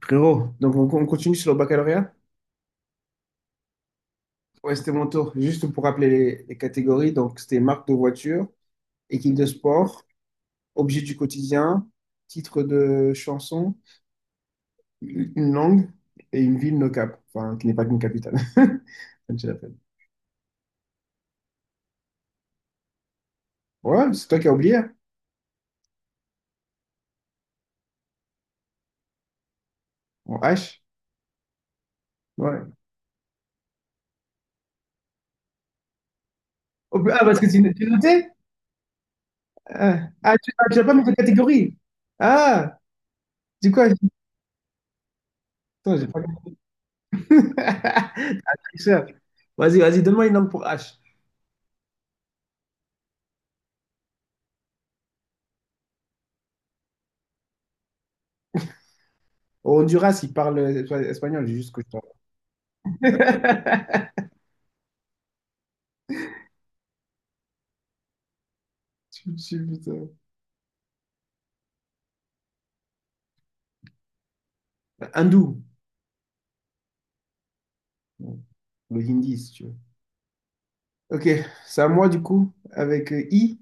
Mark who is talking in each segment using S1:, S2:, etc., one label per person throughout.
S1: Frérot, donc on continue sur le baccalauréat? Ouais, c'était mon tour. Juste pour rappeler les catégories, donc c'était marque de voiture, équipe de sport, objet du quotidien, titre de chanson, une langue et une ville no cap, enfin qui n'est pas qu'une capitale. Comme tu l'appelles. Ouais, c'est toi qui as oublié. En H. Ouais. Oh, ah, parce que tu notais? Ah, ah, tu n'as pas mis de catégorie. Ah, dis quoi? Attends, j'ai pas compris. Ah, tricheur. Vas-y, vas-y, donne-moi une langue pour H. Au Honduras, ils parlent espagnol, c'est juste que je parle. Putain. Hindou. Le hindi, si tu veux. Ok, c'est à moi du coup, avec I,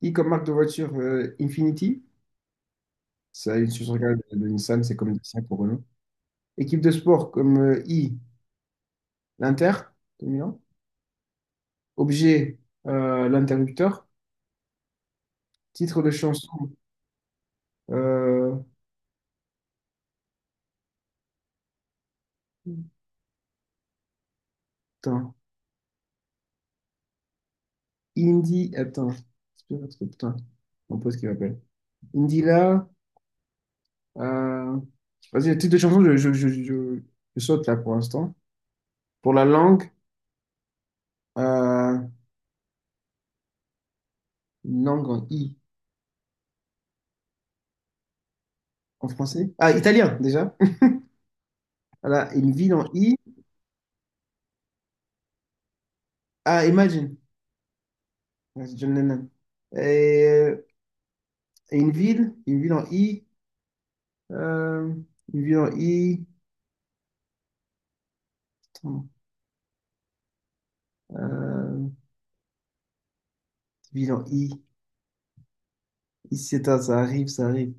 S1: I comme marque de voiture Infinity. C'est une sous-marque de Nissan, c'est comme Nissan pour Renault. Équipe de sport comme I, l'Inter de Milan. Objet, l'interrupteur. Titre de chanson, euh, putain, Indie, attends, c'est pas un truc, putain, mon pote qui m'appelle. Indila. Euh, vas-y, le titre de chanson, je saute là pour l'instant. Pour la langue, euh, une langue en I, en français. Ah, italien déjà. Voilà, une ville en I. Ah, Imagine. Ouais, c'est John Lennon. Et, euh, et une ville en I. euh, une ville en I. Attends, euh, ville en I. Ici, c'est ça, ça arrive, ça arrive.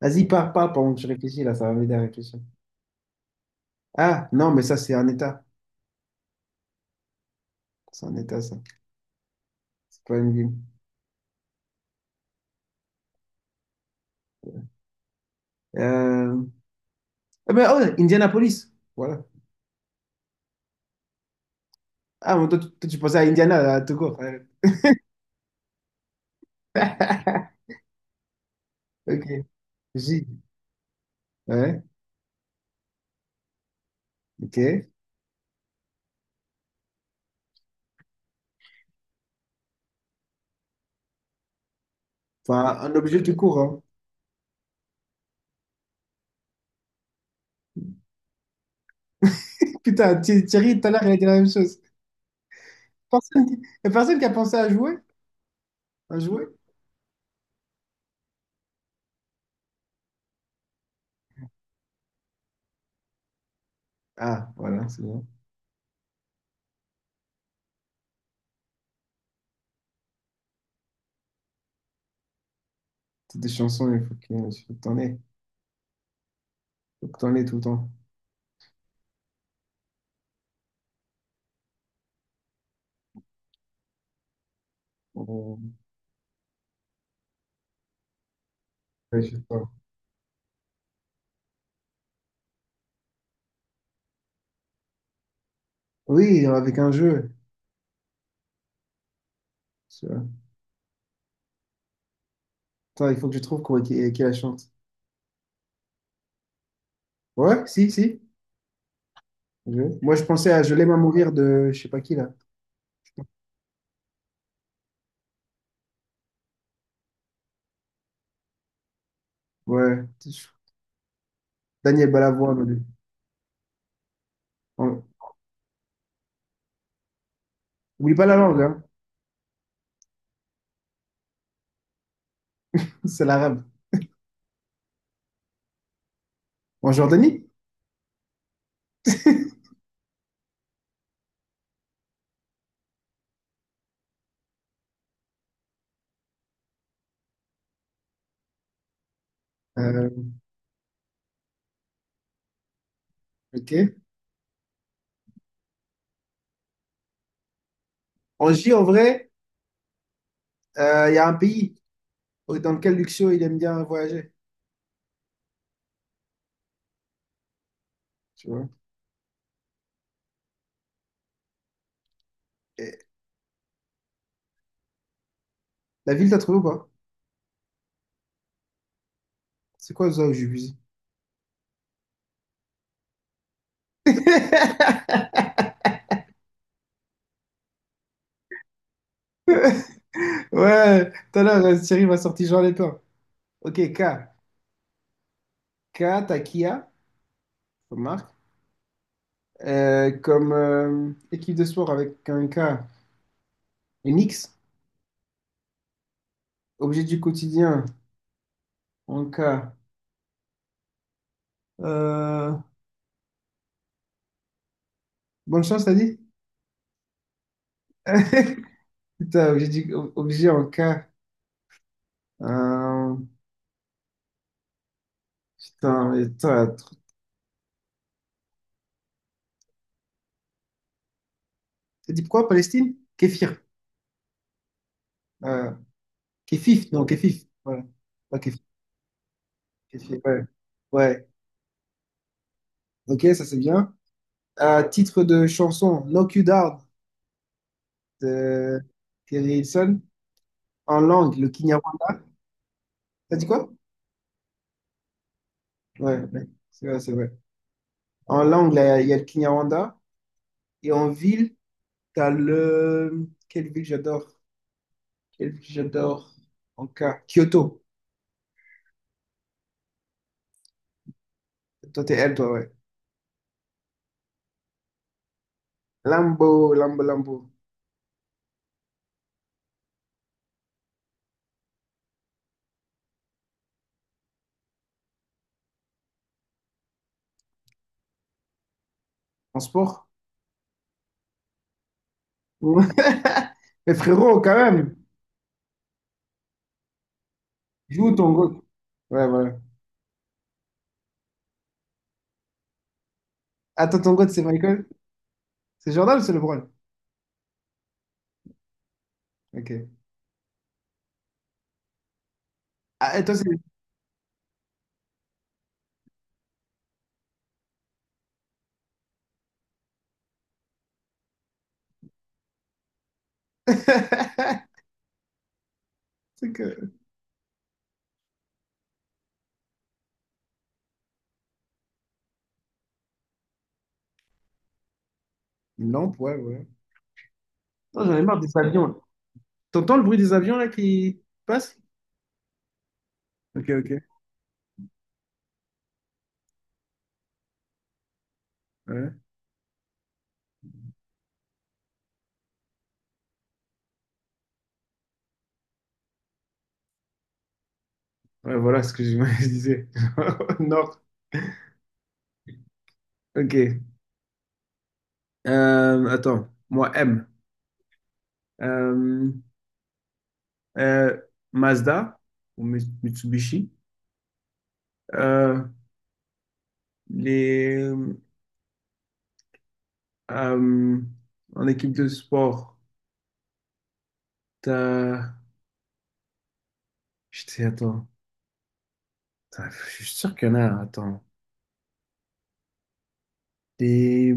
S1: Vas-y, pars, pars pendant que je réfléchis là, ça va m'aider à réfléchir. Ah, non, mais ça, c'est un état. C'est un état, ça. C'est pas une ville. Euh, Eh ben, oh, Indianapolis. Voilà. Ah, mais toi, tu pensais à Indiana, à tout court. Ouais. Ok. J. Ouais, ok. Enfin, un objet tout court, hein. Putain, Thierry, tout à l'heure, il a dit la même chose. Personne qui... y a personne qui a pensé à jouer? À jouer? Ah, voilà, c'est bon. Toutes des chansons, il faut que t'en aies. Il faut que t'en aies tout le temps. On- ouais, je sais pas. Oui, avec un jeu. Tu vois. Attends, il faut que je trouve quoi, qui la chante. Ouais, si, si. Je- moi, je pensais à Je l'aime à mourir de je sais pas qui, là. Ouais. Daniel Balavoine. On- oublie pas la langue, hein. C'est l'arabe. En Jordanie. Euh, ok. En J, en vrai, il y a un pays dans lequel Luxio, il aime bien voyager. Tu vois. Et la ville, t'as trouvé ou pas? C'est quoi ça où j'ai visé? Ouais, tout à l'heure, Thierry m'a sorti Jean Lépin. Ok, K. K, t'as Kia, comme marque. Comme équipe de sport avec un K. Une X. Objet du quotidien, en K. Euh, bonne chance, t'as dit? Putain, objet, objet en cas. Euh, putain, mais toi, t'as dit pourquoi Palestine? Kéfir. Euh, kéfif, non, kéfif. Voilà. Pas kéfif, kéfir, ouais. Ouais. Ok, ça c'est bien. À titre de chanson, Knock You Down de Kerry Hilson. En langue, le Kinyarwanda. T'as dit quoi? Ouais, ouais, c'est vrai, c'est vrai. En langue, là, il y a le Kinyarwanda. Et en ville, t'as le. Quelle ville j'adore? Quelle ville j'adore? En cas. Kyoto. Toi, t'es L, toi, ouais. Lambo, Lambo, Lambo. En sport? Ouais. Mais frérot, quand même, joue ton goat. Ouais, voilà. Attends, ton goat, c'est Michael? C'est Jordan ou c'est LeBron? Ok. Ah, et toi, c'est. C'est que. Une lampe, ouais, ouais. Oh, j'en ai marre des avions, là. T'entends le bruit des avions, là, qui passent? Ok, ok. Ouais, ouais, voilà ce que je je disais. Non. Ok. Attends, moi M. Euh, euh, Mazda ou Mitsubishi? Euh, les, euh, en équipe de sport, t'as... Putain, attends. Putain, je suis sûr qu'il y en a, attends. Les...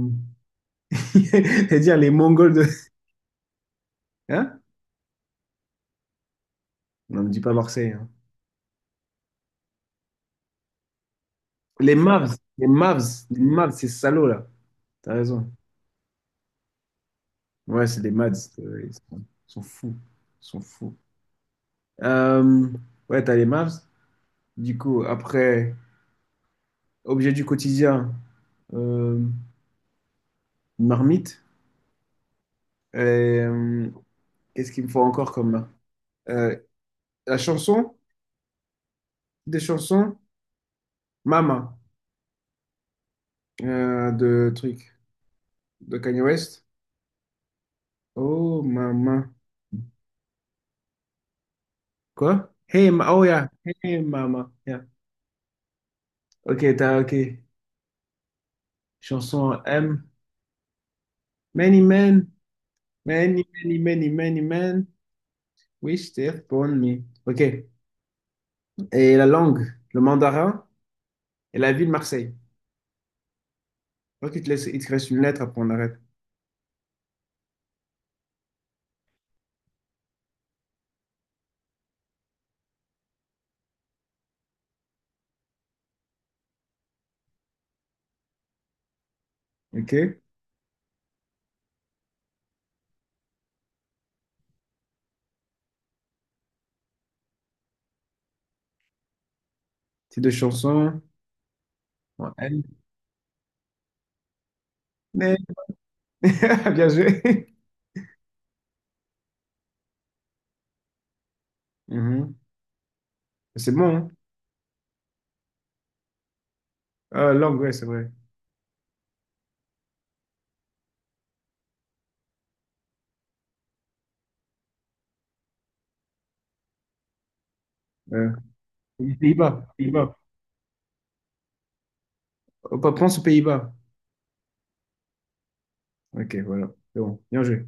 S1: C'est-à-dire les Mongols de... Hein? Non, ne dis pas Marseille, hein. Les Mavs. Les Mavs. Les Mavs, ces salauds, là. T'as raison. Ouais, c'est les Mavs. Ils sont fous. Ils sont fous. Euh, ouais, t'as les Mavs. Du coup, après, objet du quotidien, euh, marmite. Euh, Qu'est-ce qu'il me faut encore comme main? Euh, la chanson, des chansons, Mama, de truc, de Kanye West. Oh, Mama. Quoi? Hey, ma oh, yeah. Hey, Mama. Yeah. Ok, t'as, ok. Chanson M. Many men, many, many, many, many men wish they upon me. Ok. Et la langue, le mandarin et la ville Marseille. Ok, il te laisse, il te reste une lettre, après on arrête. Ok? C'est deux chansons. En M. Mais- bien joué. Mhm. C'est bon, hein? Ah, langue, ouais, c'est vrai. Euh, Pays-Bas, Pays-Bas. Oh, pense aux Pays-Bas. Ok, voilà. C'est bon. Bien joué.